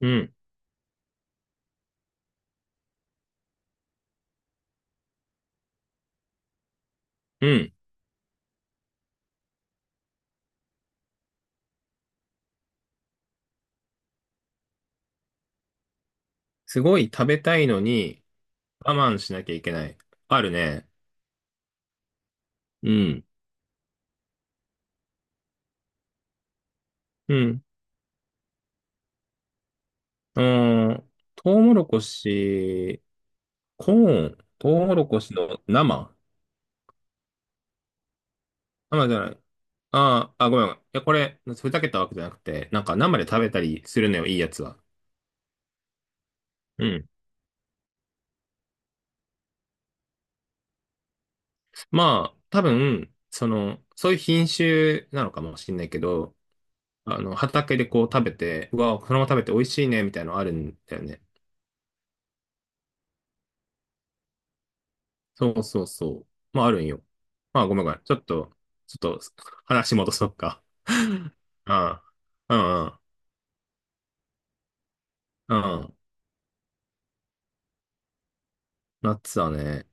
うん、うん。すごい食べたいのに我慢しなきゃいけない。あるね。うん、うん。うーん、トウモロコシ、コーン、トウモロコシの生じゃない。あーあ、ごめん。ごめんこれ、ふざけたわけじゃなくて、なんか生で食べたりするのよ、いいやつは。うん。まあ、多分、そういう品種なのかもしれないけど、畑でこう食べて、うわ、そのまま食べて美味しいね、みたいなのあるんだよね。そうそうそう。まあ、あるんよ。まあ、ごめんごめん。ちょっと、話戻そっか。ああ、うんうん、うん。夏はね、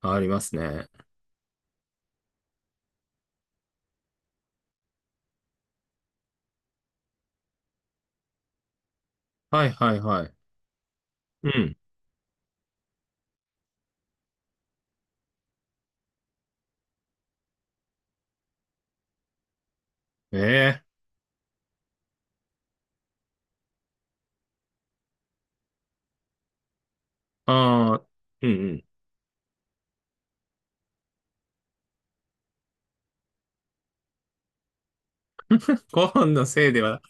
ありますね。はいはいはい。うん。ええああ、うんうん。コーンのせいでは、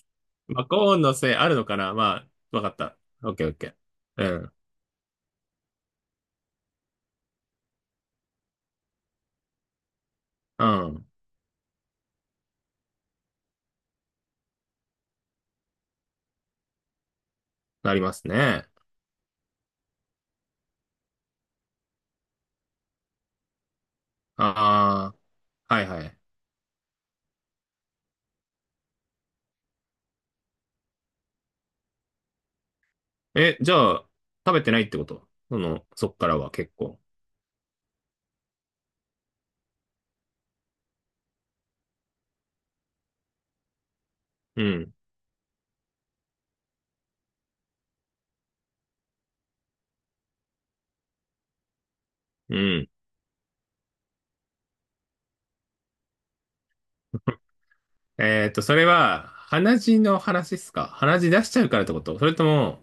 まあ、コーンのせいあるのかな。まあ、わかった。オッケーオッケー。うん、うん。なりますね。ああ、はいはい。え、じゃあ、食べてないってこと？その、そっからは結構。うん、うん。えーっと、それは、鼻血の話っすか？鼻血出しちゃうからってこと？それとも、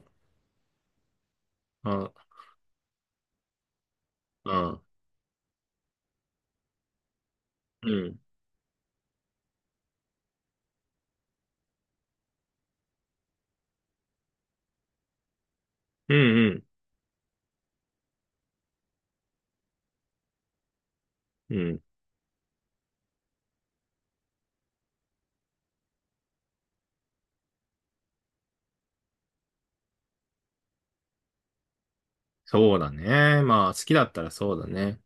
あ、あ、うん、うん、うん、うん。そうだね。まあ、好きだったらそうだね。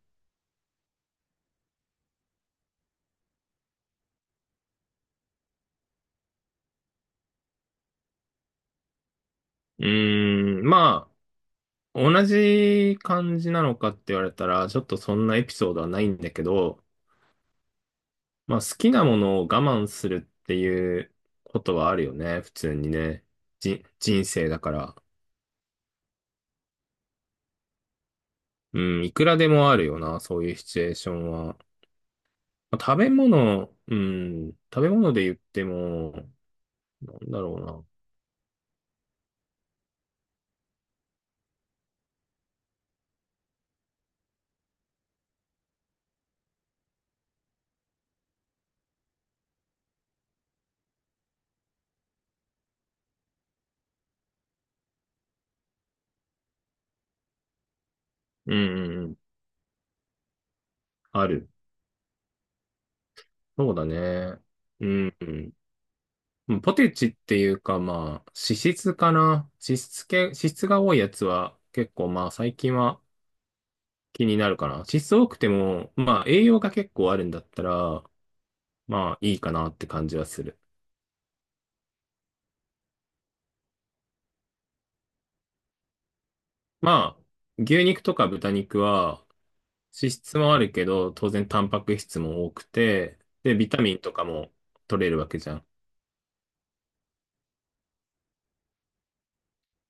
うーん、まあ、同じ感じなのかって言われたら、ちょっとそんなエピソードはないんだけど、まあ、好きなものを我慢するっていうことはあるよね。普通にね。じ、人生だから。うん、いくらでもあるよな、そういうシチュエーションは。まあ食べ物、うん、食べ物で言っても、なんだろうな。うんうんうん。ある。そうだね。うん、うん。ポテチっていうか、まあ、脂質かな。脂質系、脂質が多いやつは結構、まあ、最近は気になるかな。脂質多くても、まあ、栄養が結構あるんだったら、まあ、いいかなって感じはする。まあ、牛肉とか豚肉は、脂質もあるけど、当然タンパク質も多くて、で、ビタミンとかも取れるわけじゃん。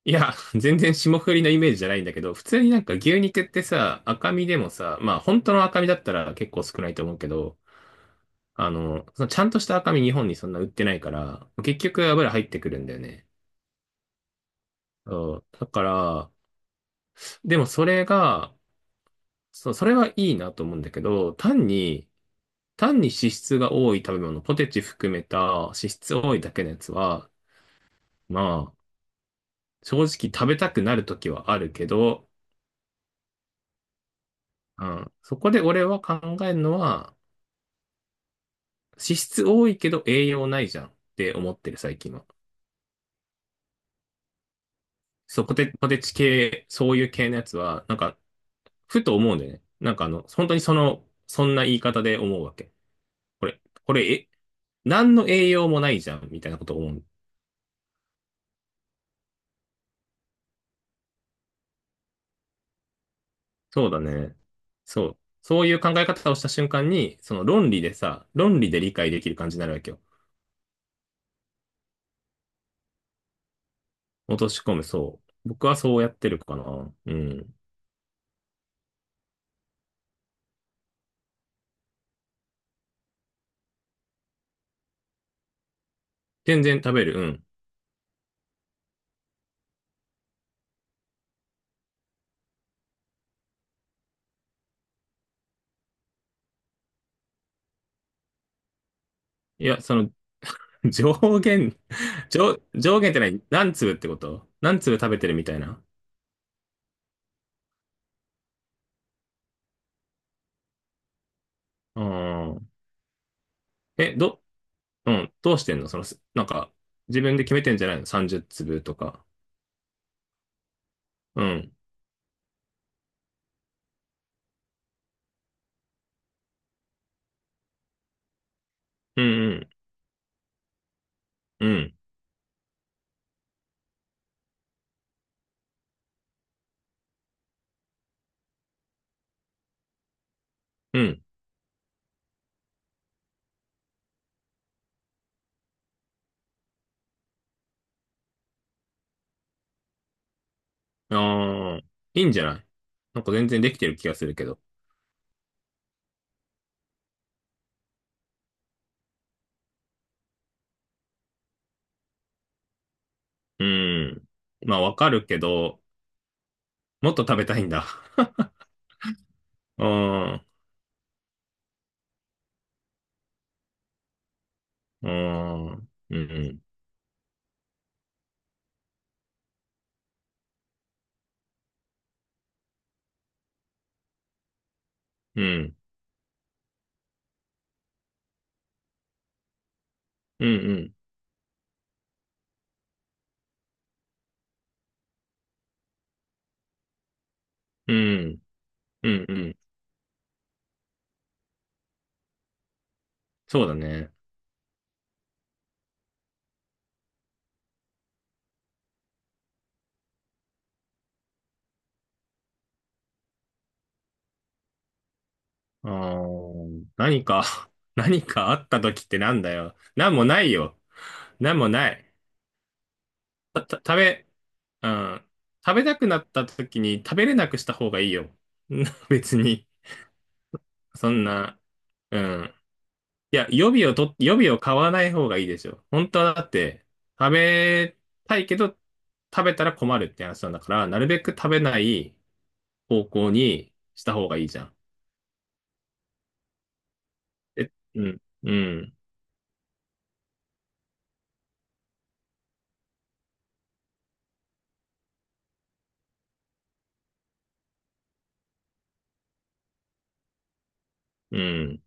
いや、全然霜降りのイメージじゃないんだけど、普通になんか牛肉ってさ、赤身でもさ、まあ本当の赤身だったら結構少ないと思うけど、そのちゃんとした赤身日本にそんな売ってないから、結局油入ってくるんだよね。そう。だから、でもそれが、そう、それはいいなと思うんだけど、単に脂質が多い食べ物、ポテチ含めた脂質多いだけのやつは、まあ、正直食べたくなる時はあるけど、うん、そこで俺は考えるのは、脂質多いけど栄養ないじゃんって思ってる最近は。そう、ポテチ系、そういう系のやつは、なんか、ふと思うんだよね。なんかあの、本当にその、そんな言い方で思うわけ。これ、これ、え、何の栄養もないじゃんみたいなことを思う。そうだね。そう。そういう考え方をした瞬間に、論理で理解できる感じになるわけよ。落とし込む、そう。僕はそうやってるかな。うん。全然食べる、うん。いや、その、上限、上限って何？何粒ってこと？何粒食べてるみたいな。うん。え、ど、うん、どうしてんの？その、すなんか、自分で決めてんじゃないの ?30 粒とか。うん。うん、うん、うん、うん。ああ、いいんじゃない？なんか全然できてる気がするけど。うん。まあ、わかるけど、もっと食べたいんだ。うん、うん、うん、うん。うんうん。うん。うんうん。そうだね。あー何か。 何かあった時ってなんだよ。なんもないよ。なんもない。た、た食べ、うん。食べたくなった時に食べれなくした方がいいよ。別に。そんな、うん。いや、予備を買わない方がいいでしょ。本当はだって、食べたいけど、食べたら困るって話なんだから、なるべく食べない方向にした方がいいじゃん。え、うん、うん、うん。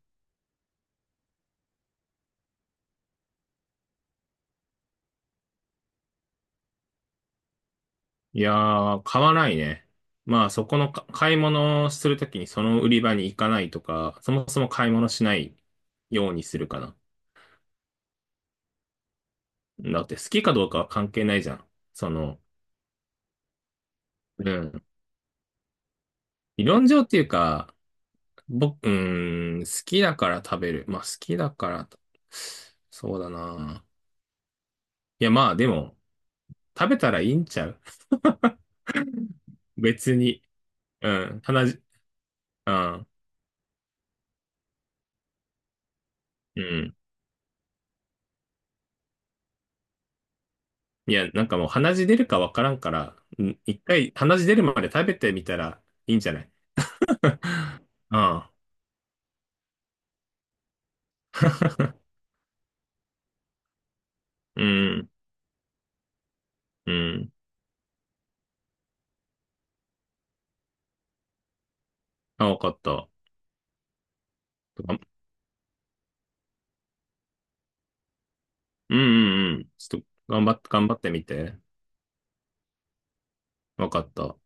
いやー、買わないね。まあ、そこのか買い物をするときにその売り場に行かないとか、そもそも買い物しないようにするかな。だって好きかどうかは関係ないじゃん。その、うん。理論上っていうか、僕、うん、好きだから食べる。まあ、好きだからと、そうだな。いや、まあ、でも、食べたらいいんちゃう？ 別に。うん、話、うん、うん。いや、なんかもう鼻血出るかわからんから、うん、一回鼻血出るまで食べてみたらいいんじゃない？ ああ、うん、うん。あ、わかった。がんうん、うん、うん。ちょっと頑張って、頑張ってみて。わかった。